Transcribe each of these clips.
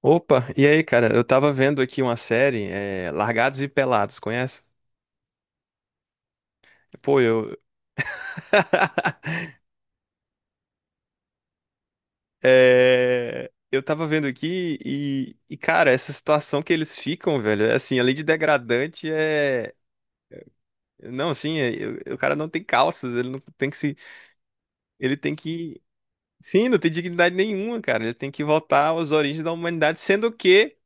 Opa, e aí, cara? Eu tava vendo aqui uma série, Largados e Pelados, conhece? Pô, eu. É, eu tava vendo aqui e, cara, essa situação que eles ficam, velho, é assim, além de degradante, é. Não, assim, o cara não tem calças, ele não tem que se. Ele tem que. Sim, não tem dignidade nenhuma, cara. Ele tem que voltar às origens da humanidade, sendo que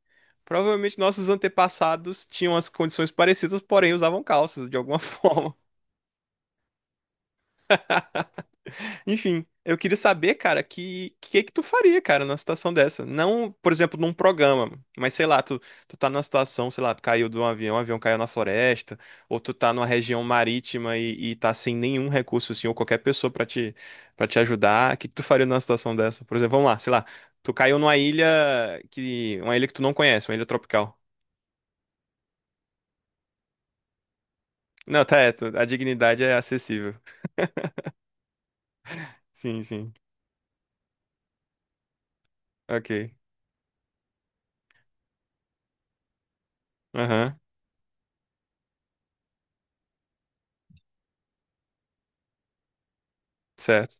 provavelmente nossos antepassados tinham as condições parecidas, porém usavam calças de alguma forma. Enfim, eu queria saber, cara, que tu faria, cara, numa situação dessa? Não, por exemplo, num programa, mas sei lá, tu tá numa situação, sei lá, tu caiu de um avião, o avião caiu na floresta, ou tu tá numa região marítima e tá sem nenhum recurso, assim, ou qualquer pessoa pra te para te ajudar. O que que tu faria numa situação dessa? Por exemplo, vamos lá, sei lá, tu caiu numa ilha que uma ilha que tu não conhece, uma ilha tropical. Não, tá, a dignidade é acessível. Sim, sim. Ok. Aham. Certo.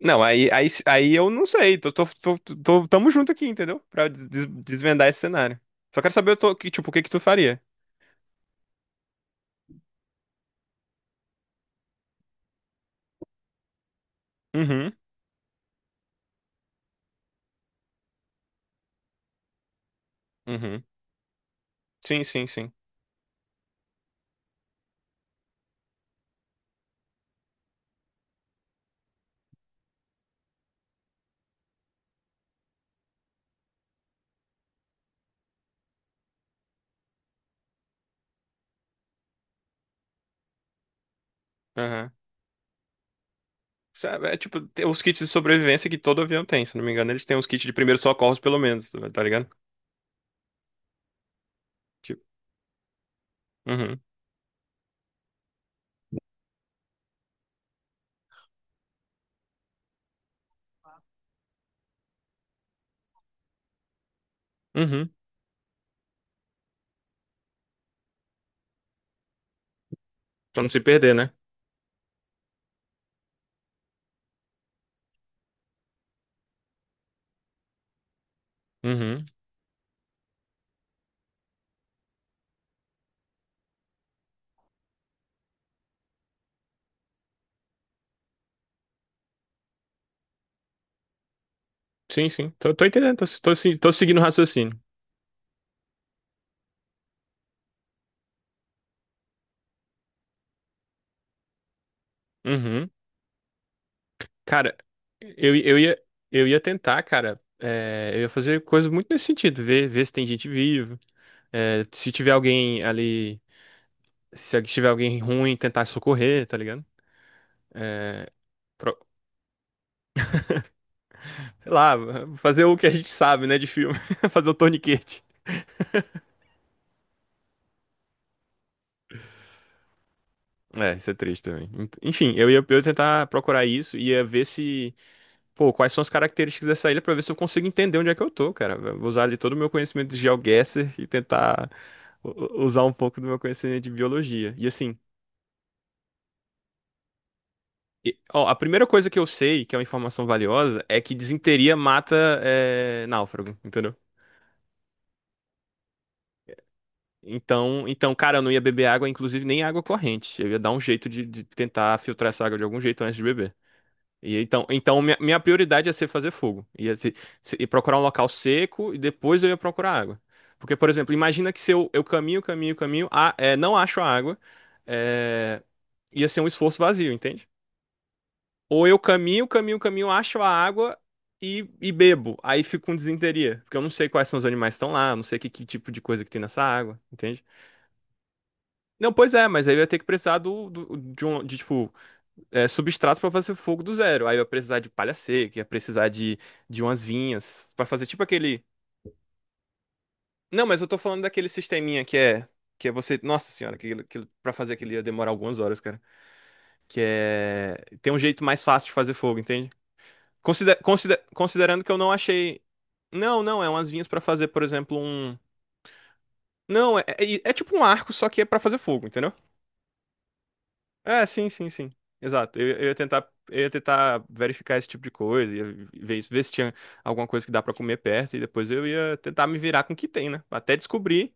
Não, aí, eu não sei. Tamo junto aqui, entendeu? Pra desvendar esse cenário. Só quero saber, que, tipo, o que que tu faria? Uhum, uhum. Sim, sim, sim. Aham. Sabe, é, tipo, tem os kits de sobrevivência que todo avião tem, se não me engano. Eles têm os kits de primeiros socorros, pelo menos, tá tá ligado? Tipo, uhum, uhum. Pra não se perder, né? Uhum. Sim, sim. Tô entendendo, tô, tô, se- tô seguindo o raciocínio. Uhum. Cara, eu, eu ia, eu ia tentar, cara. Eu ia fazer coisa muito nesse sentido, ver, se tem gente viva. É, se tiver alguém ali, se tiver alguém ruim, tentar socorrer, tá ligado? Pro- sei lá, fazer o que a gente sabe, né, de filme. Fazer o torniquete. É, isso é triste também. Enfim, eu ia tentar procurar isso, ia ver se, pô, quais são as características dessa ilha pra ver se eu consigo entender onde é que eu tô, cara. Eu vou usar ali todo o meu conhecimento de GeoGuessr e tentar usar um pouco do meu conhecimento de biologia. E assim, ó, a primeira coisa que eu sei, que é uma informação valiosa, é que disenteria mata náufrago, entendeu? Então, cara, eu não ia beber água, inclusive nem água corrente. Eu ia dar um jeito de tentar filtrar essa água de algum jeito antes de beber. E então minha prioridade ia ser fazer fogo. Ia ser, ia procurar um local seco e depois eu ia procurar água. Porque, por exemplo, imagina que se eu caminho, caminho, caminho, não acho a água, é, ia ser um esforço vazio, entende? Ou eu caminho, caminho, caminho, acho a água e bebo. Aí fico com disenteria, porque eu não sei quais são os animais que estão lá, eu não sei que, tipo de coisa que tem nessa água, entende? Não, pois é, mas aí eu ia ter que precisar de, um, de, tipo, substrato pra fazer fogo do zero. Aí eu ia precisar de palha seca, ia precisar de umas vinhas pra fazer tipo aquele. Não, mas eu tô falando daquele sisteminha que é. Que é você. Nossa senhora, aquilo, pra fazer aquilo ia demorar algumas horas, cara. Que é. Tem um jeito mais fácil de fazer fogo, entende? Considerando que eu não achei. Não, não, é umas vinhas pra fazer, por exemplo, um. Não, é tipo um arco, só que é pra fazer fogo, entendeu? É, sim, sim, sim. Exato. Eu ia tentar verificar esse tipo de coisa, ia ver se tinha alguma coisa que dá pra comer perto, e depois eu ia tentar me virar com o que tem, né? Até descobrir.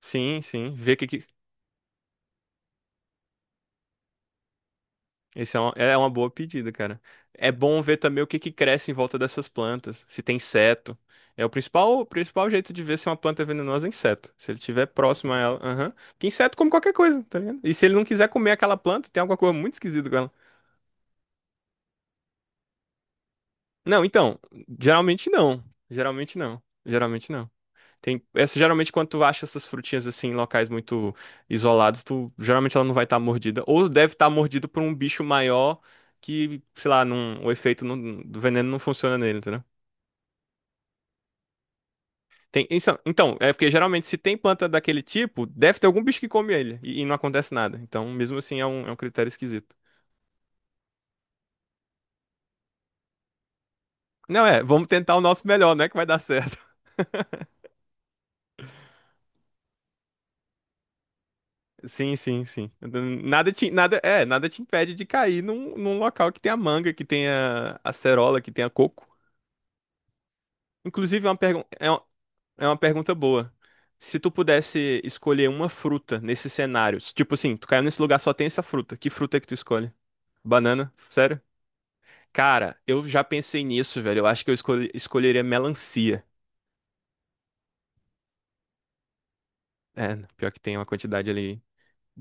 Sim, sim. Ver o que, que... Esse é uma boa pedida, cara. É bom ver também o que, que, cresce em volta dessas plantas, se tem inseto. É o principal jeito de ver se uma planta é venenosa é inseto. Se ele estiver próximo a ela. Aham. Porque inseto come qualquer coisa, tá ligado? E se ele não quiser comer aquela planta, tem alguma coisa muito esquisita com ela. Não, então, geralmente não. Geralmente não. Geralmente não. Tem, essa, geralmente, quando tu acha essas frutinhas assim em locais muito isolados, tu geralmente ela não vai estar mordida. Ou deve estar mordida por um bicho maior que, sei lá, não, o efeito do veneno não funciona nele, entendeu? Tem, então, é porque geralmente se tem planta daquele tipo, deve ter algum bicho que come ele e não acontece nada. Então, mesmo assim, é um critério esquisito. Não é, vamos tentar o nosso melhor, não é que vai dar certo. Sim, sim, sim. Nada te impede de cair num local que tenha manga, que tenha acerola, que tenha coco. Inclusive, é uma é uma pergunta boa. Se tu pudesse escolher uma fruta nesse cenário, se, tipo assim, tu caiu nesse lugar, só tem essa fruta. Que fruta é que tu escolhe? Banana? Sério? Cara, eu já pensei nisso, velho. Eu acho que eu escolheria melancia. É, pior que tem uma quantidade ali.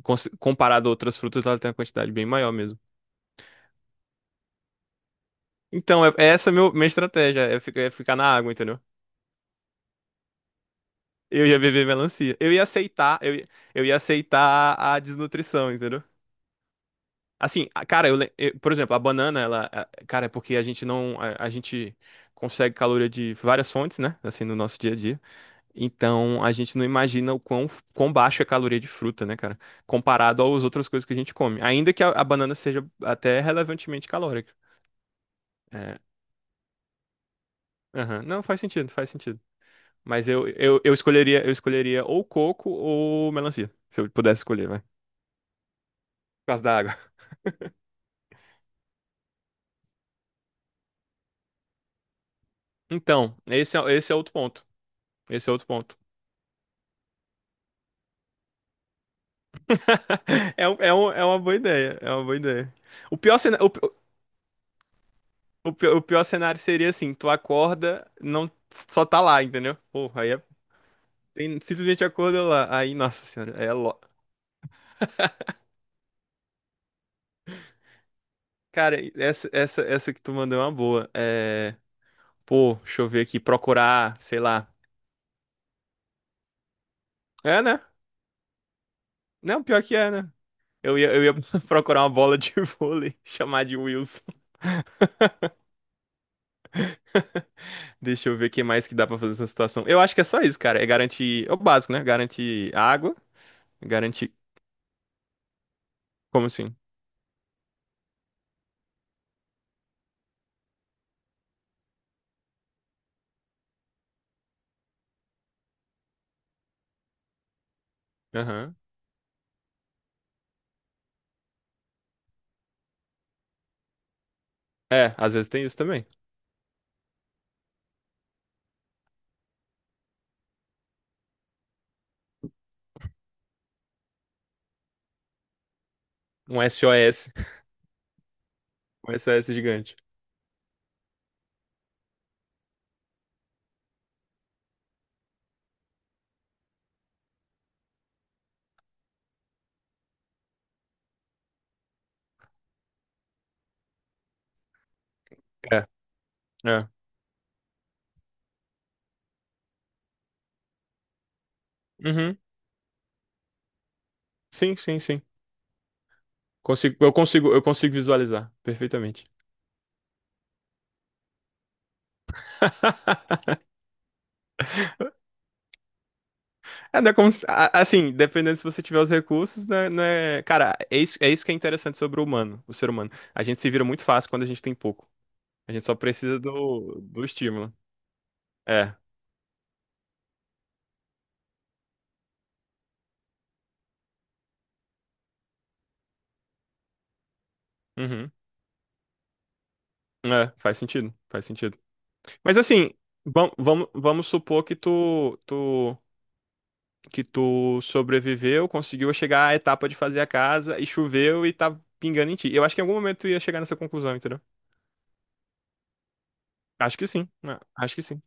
Comparado a outras frutas, ela tem uma quantidade bem maior mesmo. Então, é essa meu, minha estratégia, é ficar na água, entendeu? Eu ia beber melancia. Eu ia aceitar a desnutrição, entendeu? Assim, cara, por exemplo, a banana, ela, cara, é porque a gente não, a gente consegue caloria de várias fontes, né? Assim, no nosso dia a dia. Então, a gente não imagina o quão baixo é a caloria de fruta, né, cara? Comparado às outras coisas que a gente come. Ainda que a banana seja até relevantemente calórica. É, aham. Não, faz sentido, faz sentido. Mas eu escolheria ou coco ou melancia, se eu pudesse escolher, vai. Por causa da água. Então, esse é outro ponto. Esse é outro ponto. É uma boa ideia, é uma boa ideia. O pior, cena- o, pi- o pi- o pior cenário seria assim, tu acorda, não só tá lá, entendeu? Porra, aí simplesmente acorda lá. Aí, nossa senhora, é lo... Cara, essa que tu mandou é uma boa. É, pô, deixa eu ver aqui, procurar, sei lá. É, né? Não, pior que é, né? Eu ia procurar uma bola de vôlei, chamar de Wilson. Deixa eu ver o que mais que dá pra fazer nessa situação. Eu acho que é só isso, cara. É garantir. É o básico, né? Garantir água. Garantir. Como assim? Aham. É, às vezes tem isso também. Um SOS. Um SOS gigante. É, é. Uhum. Sim, sim, sim. Consigo visualizar perfeitamente. É, não é como assim, dependendo se você tiver os recursos, né, não é, cara, é isso que é interessante sobre o humano, o ser humano. A gente se vira muito fácil quando a gente tem pouco. A gente só precisa do estímulo. É. Uhum. É, faz sentido, faz sentido. Mas assim, vamos supor que tu sobreviveu, conseguiu chegar à etapa de fazer a casa e choveu e tá pingando em ti. Eu acho que em algum momento tu ia chegar nessa conclusão, entendeu? Acho que sim, né? Acho que sim.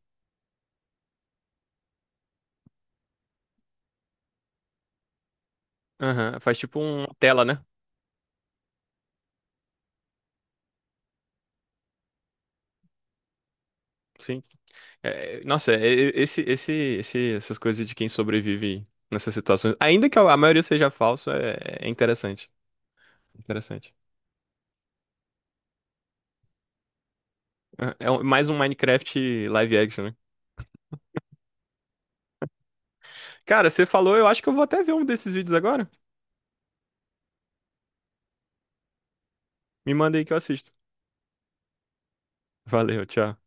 Aham. Faz tipo uma tela, né? Sim. É, nossa, é, essas coisas de quem sobrevive nessas situações, ainda que a maioria seja falsa, é interessante. Interessante. É mais um Minecraft live action, né? Cara, você falou, eu acho que eu vou até ver um desses vídeos agora. Me manda aí que eu assisto. Valeu, tchau.